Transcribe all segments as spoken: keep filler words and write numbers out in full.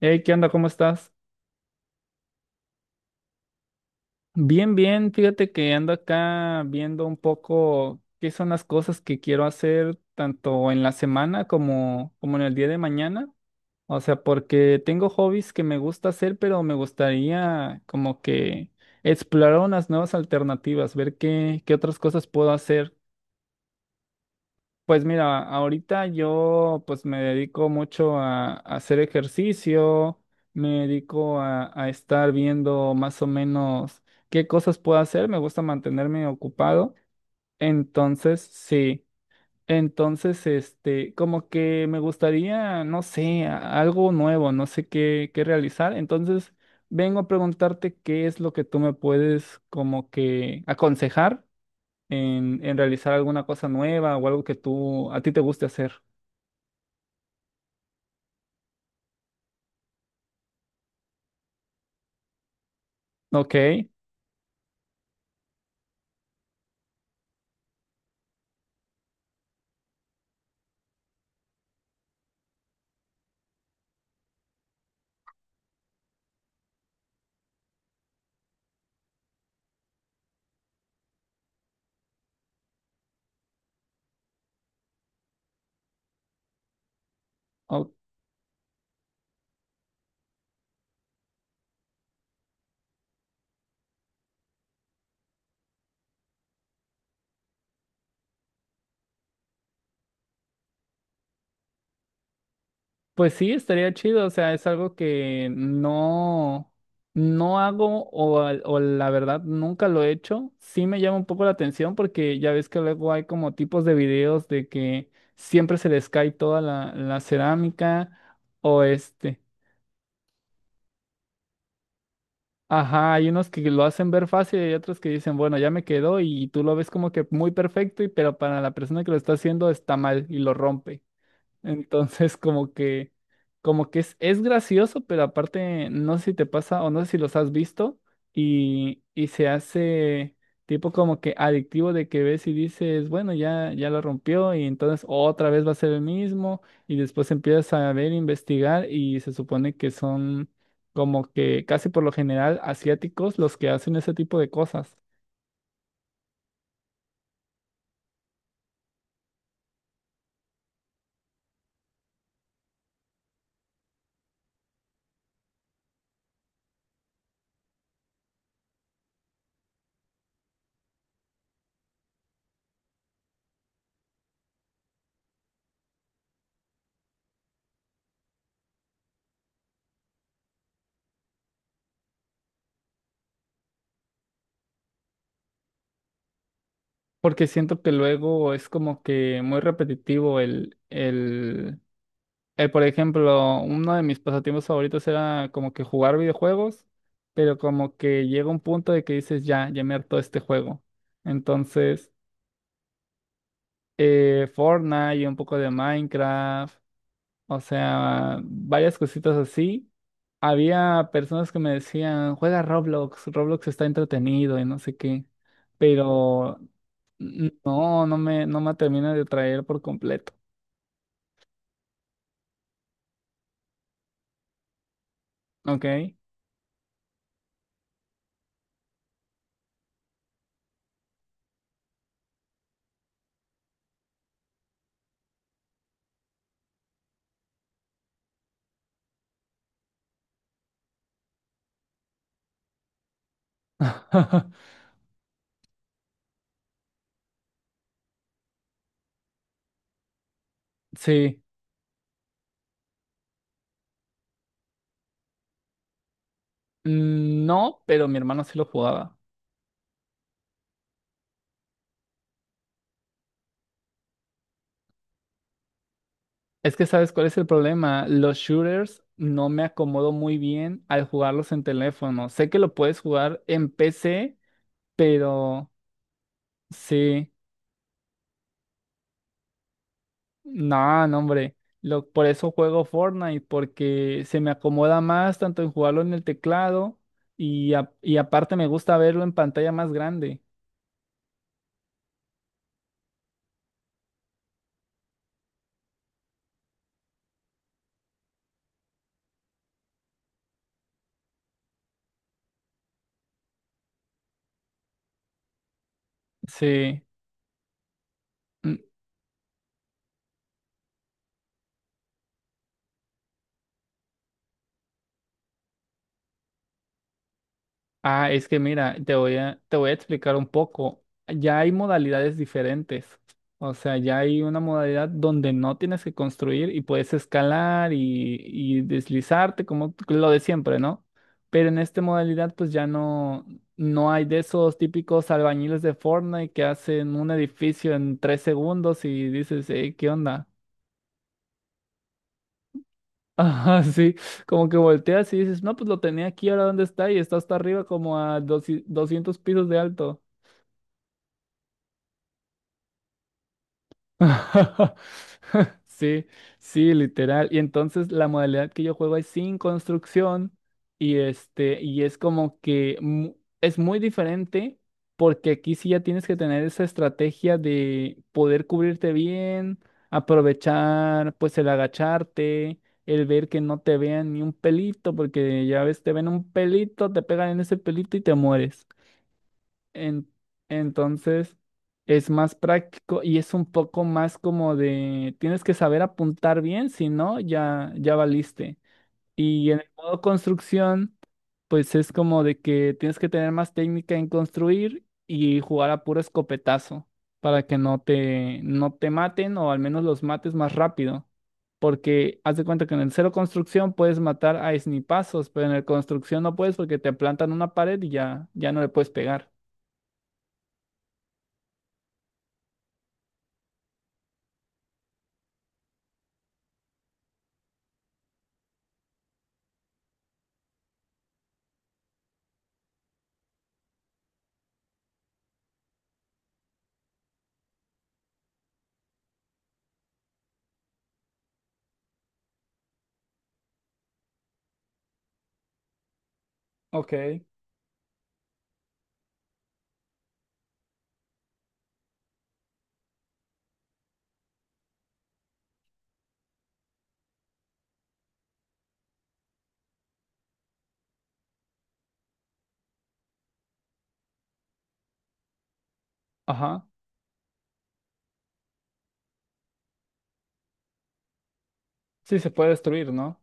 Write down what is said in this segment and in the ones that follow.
Hey, ¿qué onda? ¿Cómo estás? Bien, bien. Fíjate que ando acá viendo un poco qué son las cosas que quiero hacer tanto en la semana como, como en el día de mañana. O sea, porque tengo hobbies que me gusta hacer, pero me gustaría como que explorar unas nuevas alternativas, ver qué, qué otras cosas puedo hacer. Pues mira, ahorita yo pues me dedico mucho a, a hacer ejercicio, me dedico a, a estar viendo más o menos qué cosas puedo hacer, me gusta mantenerme ocupado, entonces sí, entonces este, como que me gustaría, no sé, a- algo nuevo, no sé qué, qué realizar, entonces vengo a preguntarte qué es lo que tú me puedes como que aconsejar en, en realizar alguna cosa nueva o algo que tú a ti te guste hacer. Ok, o- pues sí, estaría chido, o sea, es algo que no, no hago o, al- o la verdad nunca lo he hecho. Sí me llama un poco la atención porque ya ves que luego hay como tipos de videos de que siempre se les cae toda la, la cerámica o este. Ajá, hay unos que lo hacen ver fácil y otros que dicen, bueno, ya me quedó y tú lo ves como que muy perfecto, y pero para la persona que lo está haciendo está mal y lo rompe. Entonces, como que, como que es, es gracioso, pero aparte, no sé si te pasa o no sé si los has visto y, y se hace tipo como que adictivo de que ves y dices, bueno, ya, ya lo rompió y entonces otra vez va a ser el mismo y después empiezas a ver, investigar y se supone que son como que casi por lo general asiáticos los que hacen ese tipo de cosas. Porque siento que luego es como que muy repetitivo el, el, eh, por ejemplo, uno de mis pasatiempos favoritos era como que jugar videojuegos, pero como que llega un punto de que dices, ya, ya me hartó este juego. Entonces, eh, Fortnite y un poco de Minecraft, o sea, varias cositas así. Había personas que me decían, juega Roblox, Roblox está entretenido y no sé qué, pero n- no, no me, no me termina de atraer por completo, ¿ok? Sí. Mm, no, pero mi hermano sí lo jugaba. Es que sabes cuál es el problema. Los shooters no me acomodo muy bien al jugarlos en teléfono. Sé que lo puedes jugar en P C, pero sí. No, no, hombre. Lo, por eso juego Fortnite, porque se me acomoda más tanto en jugarlo en el teclado y, a- y aparte me gusta verlo en pantalla más grande. Sí. Ah, es que mira, te voy a, te voy a explicar un poco. Ya hay modalidades diferentes. O sea, ya hay una modalidad donde no tienes que construir y puedes escalar y, y deslizarte como t- lo de siempre, ¿no? Pero en esta modalidad pues ya no, no hay de esos típicos albañiles de Fortnite que hacen un edificio en tres segundos y dices: "Ey, ¿qué onda? Ajá, sí, como que volteas y dices, no, pues lo tenía aquí, ahora dónde está y está hasta arriba como a doci- doscientos pisos de alto". Sí, sí, literal. Y entonces la modalidad que yo juego es sin construcción y este, y es como que mu- es muy diferente porque aquí sí ya tienes que tener esa estrategia de poder cubrirte bien, aprovechar pues el agacharte, el ver que no te vean ni un pelito, porque ya ves, te ven un pelito, te pegan en ese pelito y te mueres. En- entonces, es más práctico y es un poco más como de, tienes que saber apuntar bien, si no, ya, ya valiste. Y en el modo construcción, pues es como de que tienes que tener más técnica en construir y jugar a puro escopetazo para que no te, no te maten o al menos los mates más rápido. Porque haz de cuenta que en el cero construcción puedes matar a snipazos, pero en el construcción no puedes porque te plantan una pared y ya, ya no le puedes pegar. Ok. Ajá. Sí, se puede destruir, ¿no?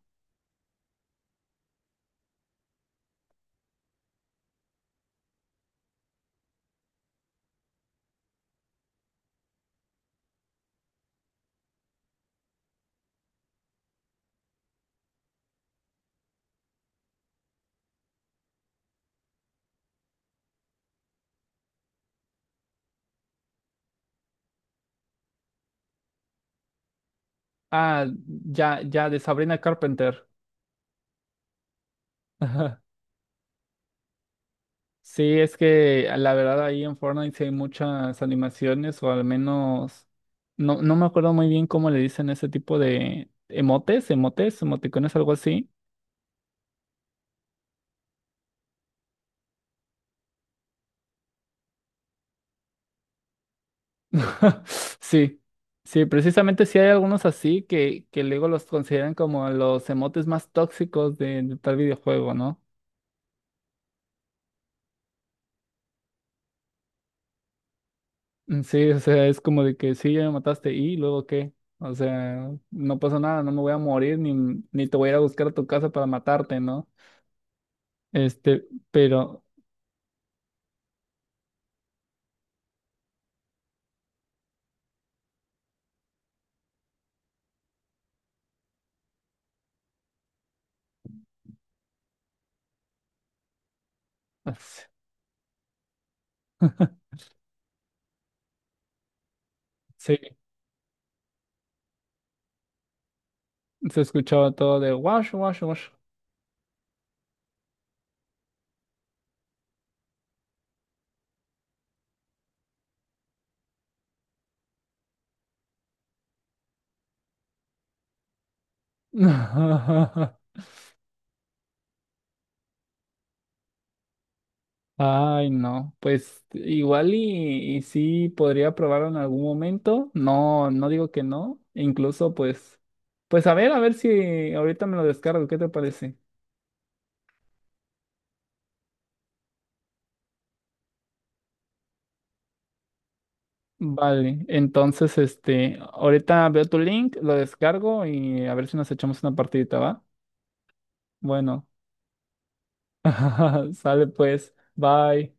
Ah, ya, ya, de Sabrina Carpenter. Ajá. Sí, es que ah, la verdad ahí en Fortnite sí hay muchas animaciones, o al menos, no, no me acuerdo muy bien cómo le dicen ese tipo de emotes, emotes, emoticones, algo así. Sí, sí, precisamente sí hay algunos así que, que luego los consideran como los emotes más tóxicos de, de tal videojuego, ¿no? Mm, sí, o sea, es como de que sí, ya me mataste y luego qué. O sea, no pasa nada, no me voy a morir ni, ni te voy a ir a buscar a tu casa para matarte, ¿no? Este, pero as- sí, se escuchaba todo de wash, wash, wash. Ay, no, pues igual y, y sí podría probarlo en algún momento. No, no digo que no. Incluso pues, pues a ver, a ver si ahorita me lo descargo, ¿qué te parece? Vale, entonces, este, ahorita veo tu link, lo descargo y a ver si nos echamos una partidita, ¿va? Bueno, sale pues, bye.